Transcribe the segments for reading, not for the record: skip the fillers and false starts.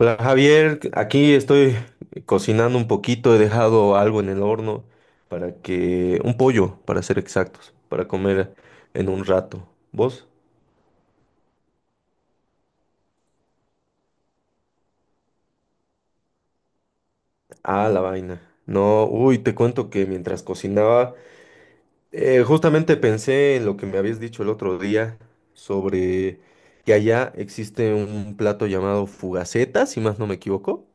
Hola Javier, aquí estoy cocinando un poquito, he dejado algo en el horno para que, un pollo, para ser exactos, para comer en un rato. ¿Vos? Ah, la vaina. No, uy, te cuento que mientras cocinaba, justamente pensé en lo que me habías dicho el otro día sobre que allá existe un plato llamado fugaceta, si más no me equivoco.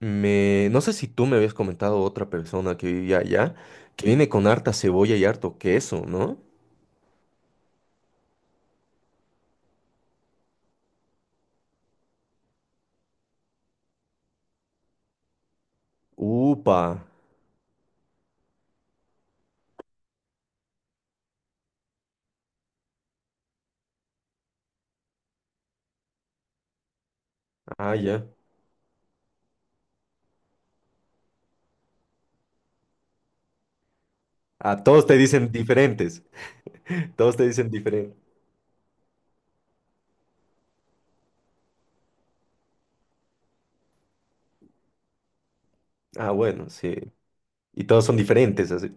Me, no sé si tú me habías comentado otra persona que vivía allá, que viene con harta cebolla y harto queso, ¿no? Upa. Ah, ya. Ah, todos te dicen diferentes. Todos te dicen diferentes. Ah, bueno, sí. Y todos son diferentes, así.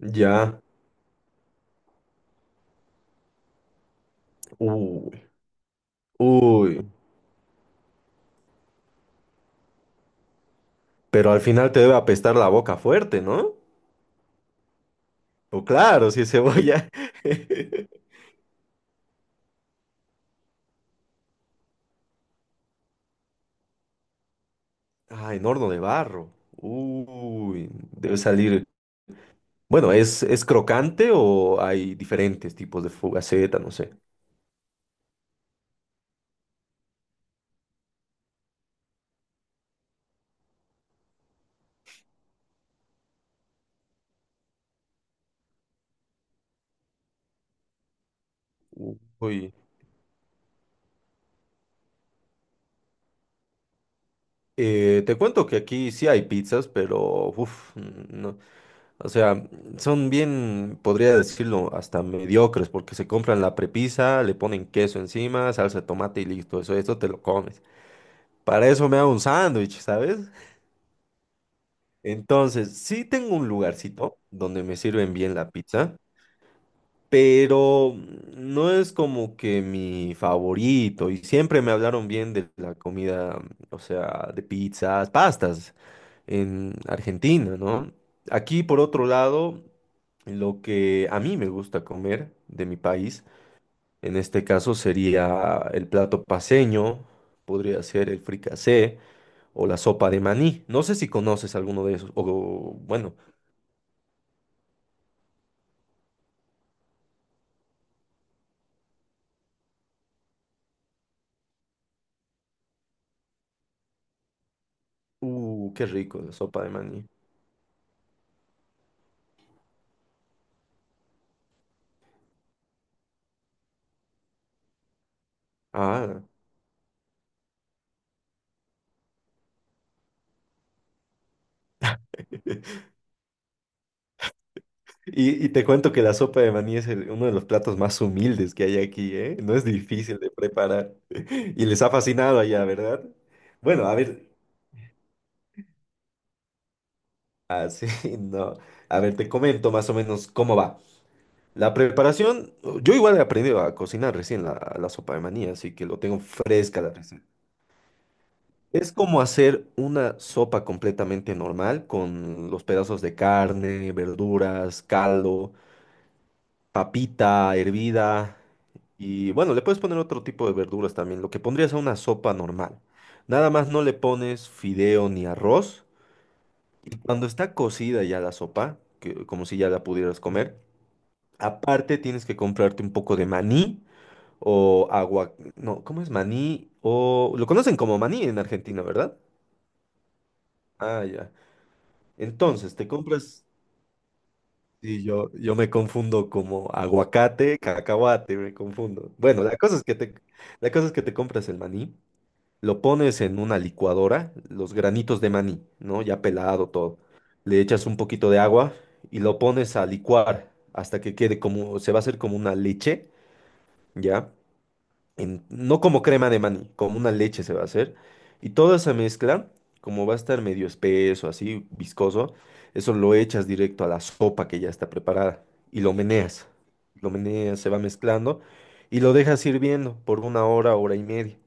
Ya. Uy. Uy. Pero al final te debe apestar la boca fuerte, ¿no? O claro, si es cebolla. Ah, en horno de barro. Uy. Debe salir. Bueno, ¿es crocante o hay diferentes tipos de fugaceta? No sé. Uy. Te cuento que aquí sí hay pizzas, pero uf, no. O sea, son bien, podría decirlo, hasta mediocres, porque se compran la prepisa, le ponen queso encima, salsa de tomate y listo. Eso, esto te lo comes. Para eso me hago un sándwich, ¿sabes? Entonces, sí tengo un lugarcito donde me sirven bien la pizza, pero no es como que mi favorito y siempre me hablaron bien de la comida, o sea, de pizzas, pastas en Argentina, ¿no? Aquí, por otro lado, lo que a mí me gusta comer de mi país, en este caso sería el plato paceño, podría ser el fricasé o la sopa de maní. No sé si conoces alguno de esos, o bueno, qué rico la sopa de maní. Ah. Y te cuento que la sopa de maní es uno de los platos más humildes que hay aquí, ¿eh? No es difícil de preparar. Y les ha fascinado allá, ¿verdad? Bueno, a ver, sí, no. A ver, te comento más o menos cómo va. La preparación, yo igual he aprendido a cocinar recién la sopa de maní, así que lo tengo fresca la receta. Es como hacer una sopa completamente normal con los pedazos de carne, verduras, caldo, papita hervida, y bueno, le puedes poner otro tipo de verduras también, lo que pondrías a una sopa normal. Nada más no le pones fideo ni arroz. Y cuando está cocida ya la sopa, que, como si ya la pudieras comer, aparte tienes que comprarte un poco de maní o agua, no, ¿cómo es maní? O lo conocen como maní en Argentina, ¿verdad? Ah, ya. Entonces, te compras. Y yo me confundo como aguacate, cacahuate, me confundo. Bueno, la cosa es que te compras el maní, lo pones en una licuadora, los granitos de maní, ¿no? Ya pelado todo. Le echas un poquito de agua y lo pones a licuar hasta que quede como, se va a hacer como una leche, ¿ya? No como crema de maní, como una leche se va a hacer. Y toda esa mezcla, como va a estar medio espeso, así viscoso, eso lo echas directo a la sopa que ya está preparada y lo meneas. Lo meneas, se va mezclando y lo dejas hirviendo por una hora, hora y media.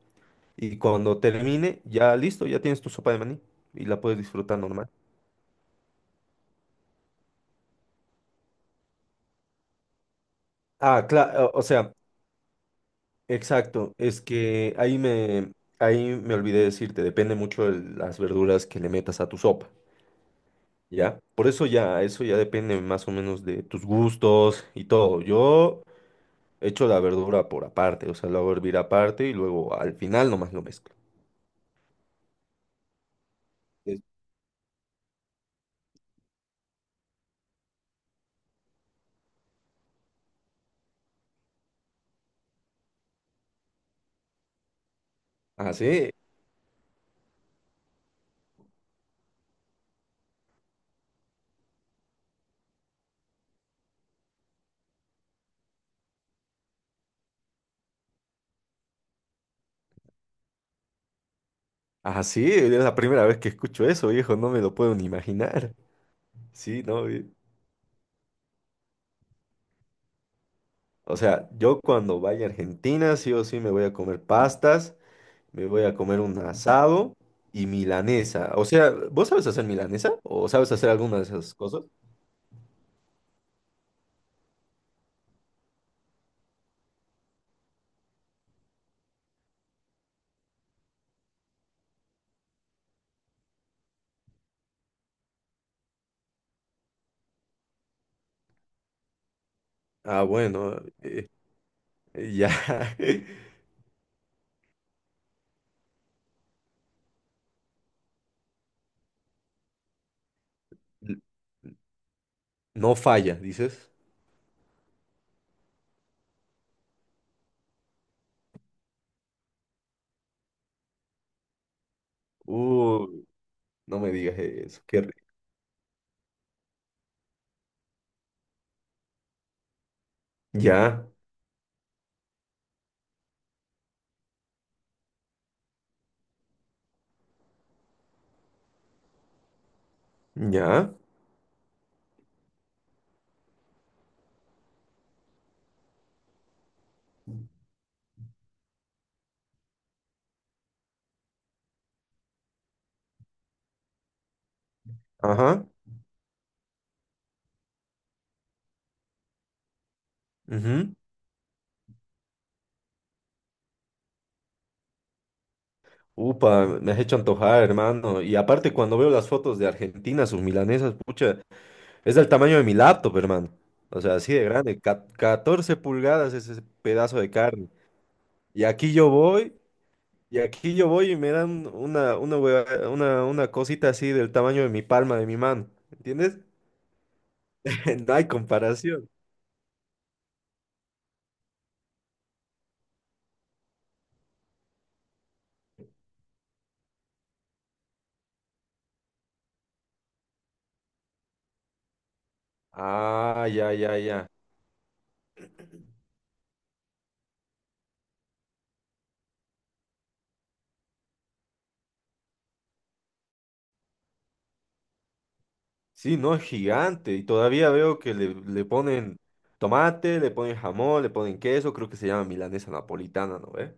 Y cuando termine, ya listo, ya tienes tu sopa de maní y la puedes disfrutar normal. Ah, claro, o sea, exacto, es que ahí me olvidé decirte, depende mucho de las verduras que le metas a tu sopa. Ya, por eso ya depende más o menos de tus gustos y todo. Yo echo la verdura por aparte, o sea, la hago hervir aparte y luego al final nomás lo mezclo. Es- Ah, sí, sí, es la primera vez que escucho eso, viejo, no me lo puedo ni imaginar. Sí, no, o sea, yo cuando vaya a Argentina, sí o sí me voy a comer pastas, me voy a comer un asado y milanesa. O sea, ¿vos sabes hacer milanesa? ¿O sabes hacer alguna de esas cosas? Ah, bueno, eh, ya. No falla, dices. Uy, no me digas eso. Qué rico. Ya, ya. Ajá. Ujú. Upa, me has hecho antojar, hermano. Y aparte, cuando veo las fotos de Argentina, sus milanesas, pucha, es del tamaño de mi laptop, hermano. O sea, así de grande. 14 pulgadas es ese pedazo de carne. Y aquí yo voy, y aquí yo voy y me dan una cosita así del tamaño de mi palma, de mi mano. ¿Entiendes? No hay comparación. Ah, ya, ya, ya. Sí, no, es gigante. Y todavía veo que le ponen tomate, le ponen jamón, le ponen queso. Creo que se llama milanesa napolitana, ¿no ve?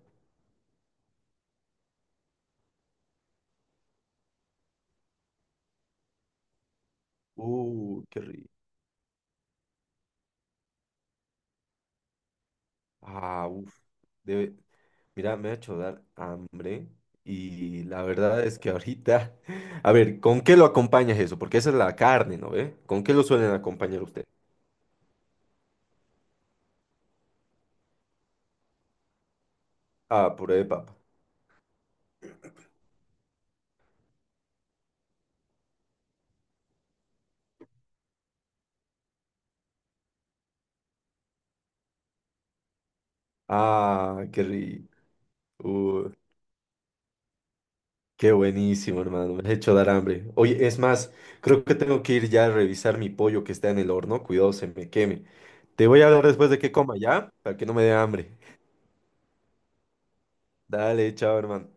Qué rico. Ah, uff. Debe... Mira, me ha hecho dar hambre. Y la verdad es que ahorita. A ver, ¿con qué lo acompañas eso? Porque esa es la carne, ¿no ve? ¿Con qué lo suelen acompañar usted? Ah, puré de papa. Ah, qué rico. Uh, Qué buenísimo, hermano. Me has hecho dar hambre. Oye, es más, creo que tengo que ir ya a revisar mi pollo que está en el horno. Cuidado, se me queme. Te voy a hablar después de que coma, ¿ya? Para que no me dé hambre. Dale, chao, hermano.